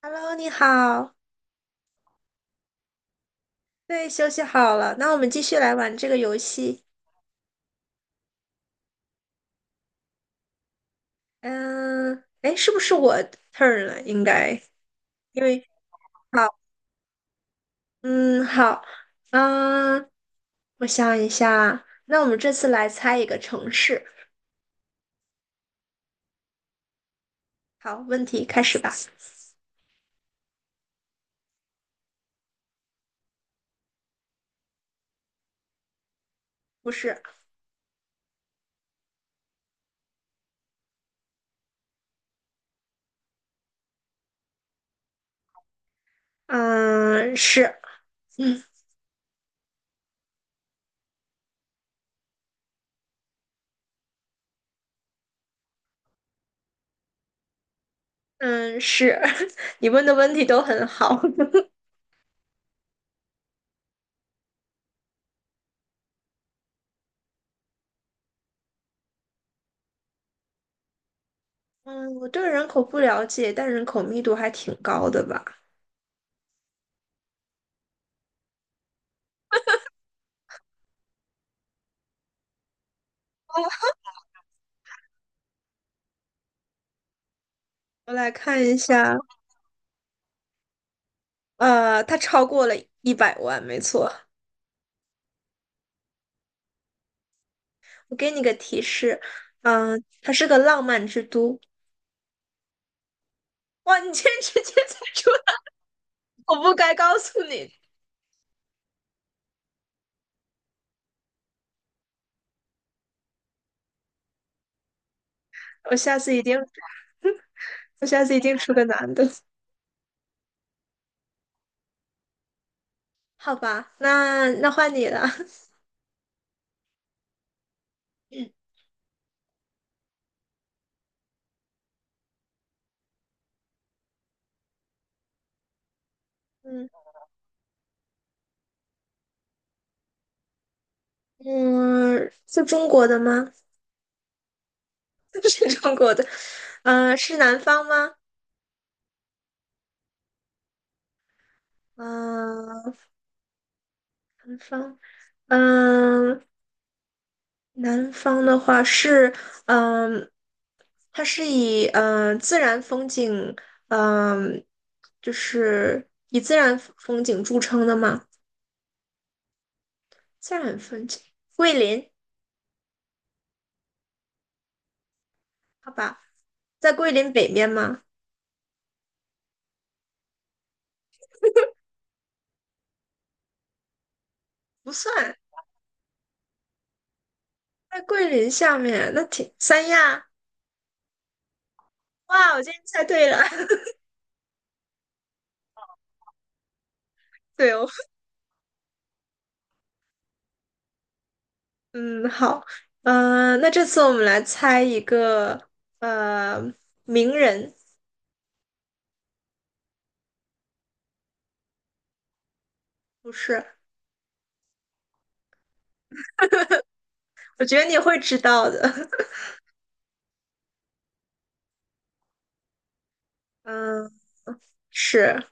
Hello，你好，对，休息好了，那我们继续来玩这个游戏。嗯，哎，是不是我 turn 了？应该，因为好，嗯，好，嗯，我想一下，那我们这次来猜一个城市。好，问题开始吧。不是，嗯，是，嗯嗯是，你问的问题都很好。嗯，我对人口不了解，但人口密度还挺高的吧？我来看一下，它超过了100万，没错。我给你个提示，它是个浪漫之都。哇，你竟然直接猜出来，我不该告诉你。我下次一定，我下次一定出个男的。好吧，那换你了。嗯嗯，是中国的吗？是中国的。是南方吗？嗯、南方。嗯、南方的话是，嗯，它是以自然风景，嗯，就是以自然风景著称的吗？自然风景，桂林，好吧，在桂林北面吗？不算，在桂林下面，那挺三亚。哇，我今天猜对了，对哦，嗯，好，那这次我们来猜一个，呃，名人，不是，我觉得你会知道的，嗯。是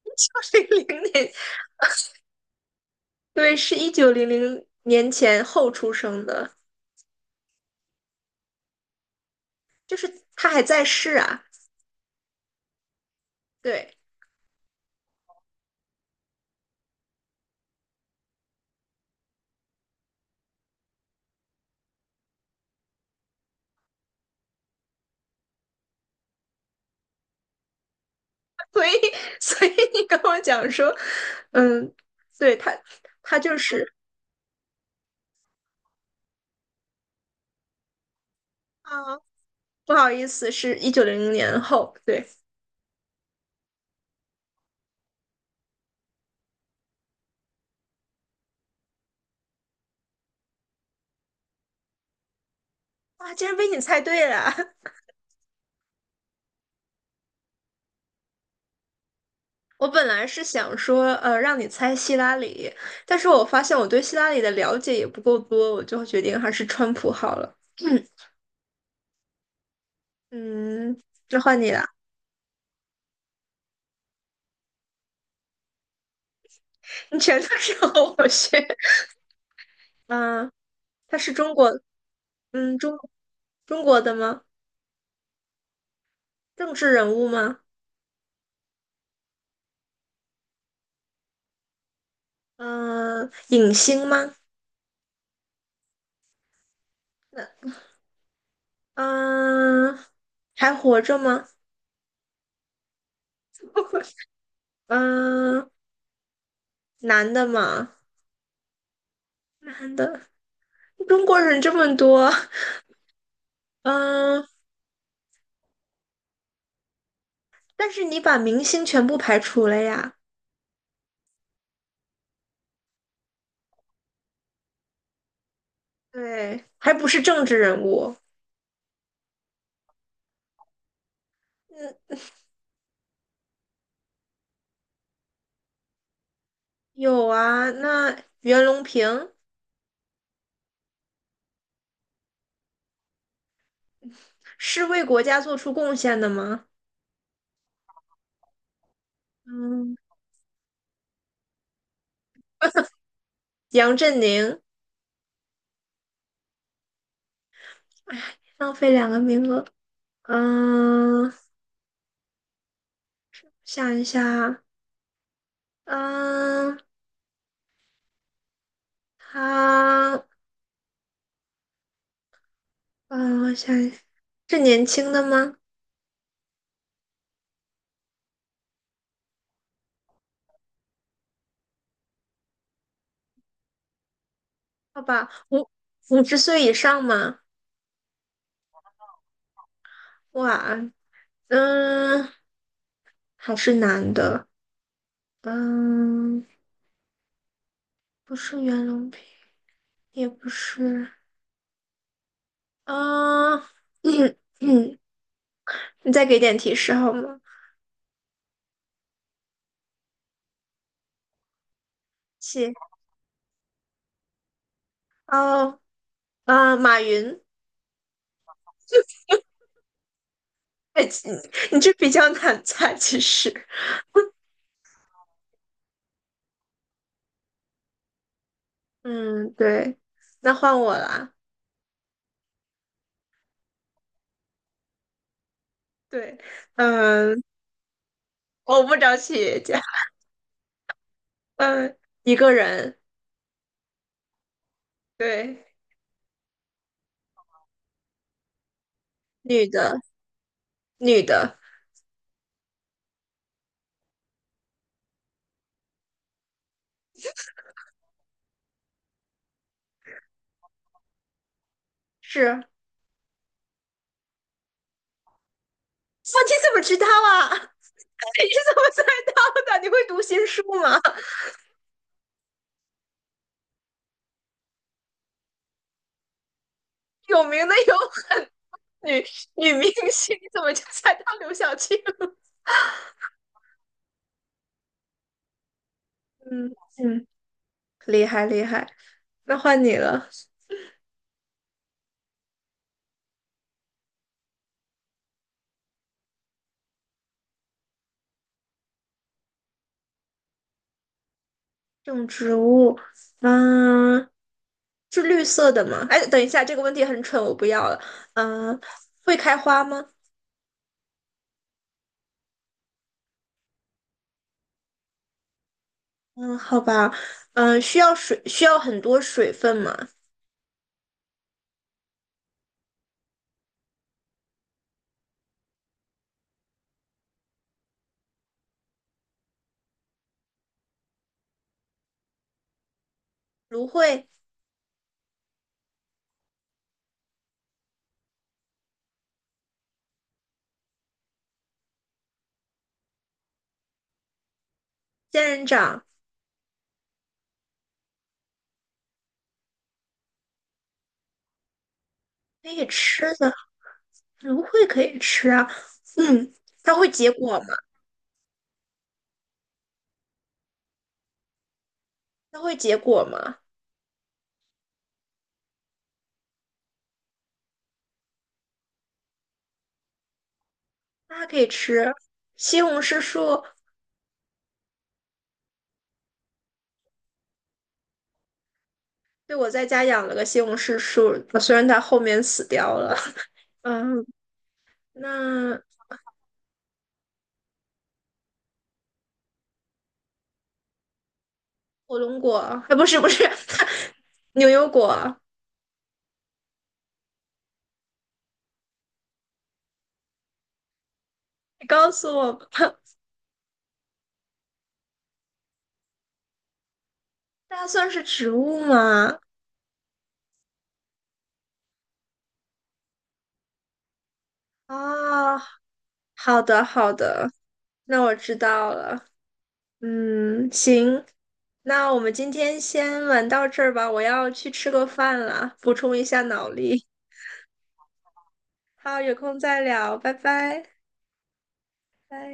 九零 零年，对，是一九零零年前后出生的，就是他还在世啊。对，所以所以你跟我讲说，嗯，对他就是啊，不好意思，是一九零零年后。对，哇，竟然被你猜对了。我本来是想说，让你猜希拉里，但是我发现我对希拉里的了解也不够多，我就决定还是川普好了。嗯，那换你了。你全都是和我学。嗯，他是中国，嗯，中中国的吗？政治人物吗？嗯，影星吗？那嗯，还活着吗？嗯，男的吗？男的。中国人这么多，嗯，但是你把明星全部排除了呀？对，还不是政治人物。嗯，有啊，那袁隆平是为国家做出贡献的吗？嗯，杨振宁。哎，浪费两个名额。嗯，想一下，嗯，他，嗯，我想一下，是年轻的吗？好吧，五十岁以上吗？哇，嗯，还是男的。嗯，不是袁隆平，也不是。嗯，嗯嗯，你再给点提示好吗？七，哦，啊，马云。哎，你这比较难猜，其实。嗯，对，那换我啦。对，嗯，我不找企业家，嗯，一个人，对，女的，女的，是。哇，你怎么知道啊？你怎么猜到的？你会读心术吗？有名的有女女明星，你怎么就猜到刘晓庆了 嗯嗯，厉害厉害。那换你了，种植物，嗯，是绿色的吗？哎，等一下，这个问题很蠢，我不要了。嗯，会开花吗？嗯，好吧。需要水，需要很多水分吗？芦荟、仙人掌可以吃的，芦荟可以吃啊。嗯，它会结果吗？它会结果吗？它还可以吃。西红柿树，对，我在家养了个西红柿树，虽然它后面死掉了。嗯，那火龙果，哎，不是不是，牛油果，你告诉我吧。大蒜是植物吗？啊，好的好的，那我知道了。行，那我们今天先玩到这儿吧，我要去吃个饭了，补充一下脑力。好，有空再聊，拜拜，拜。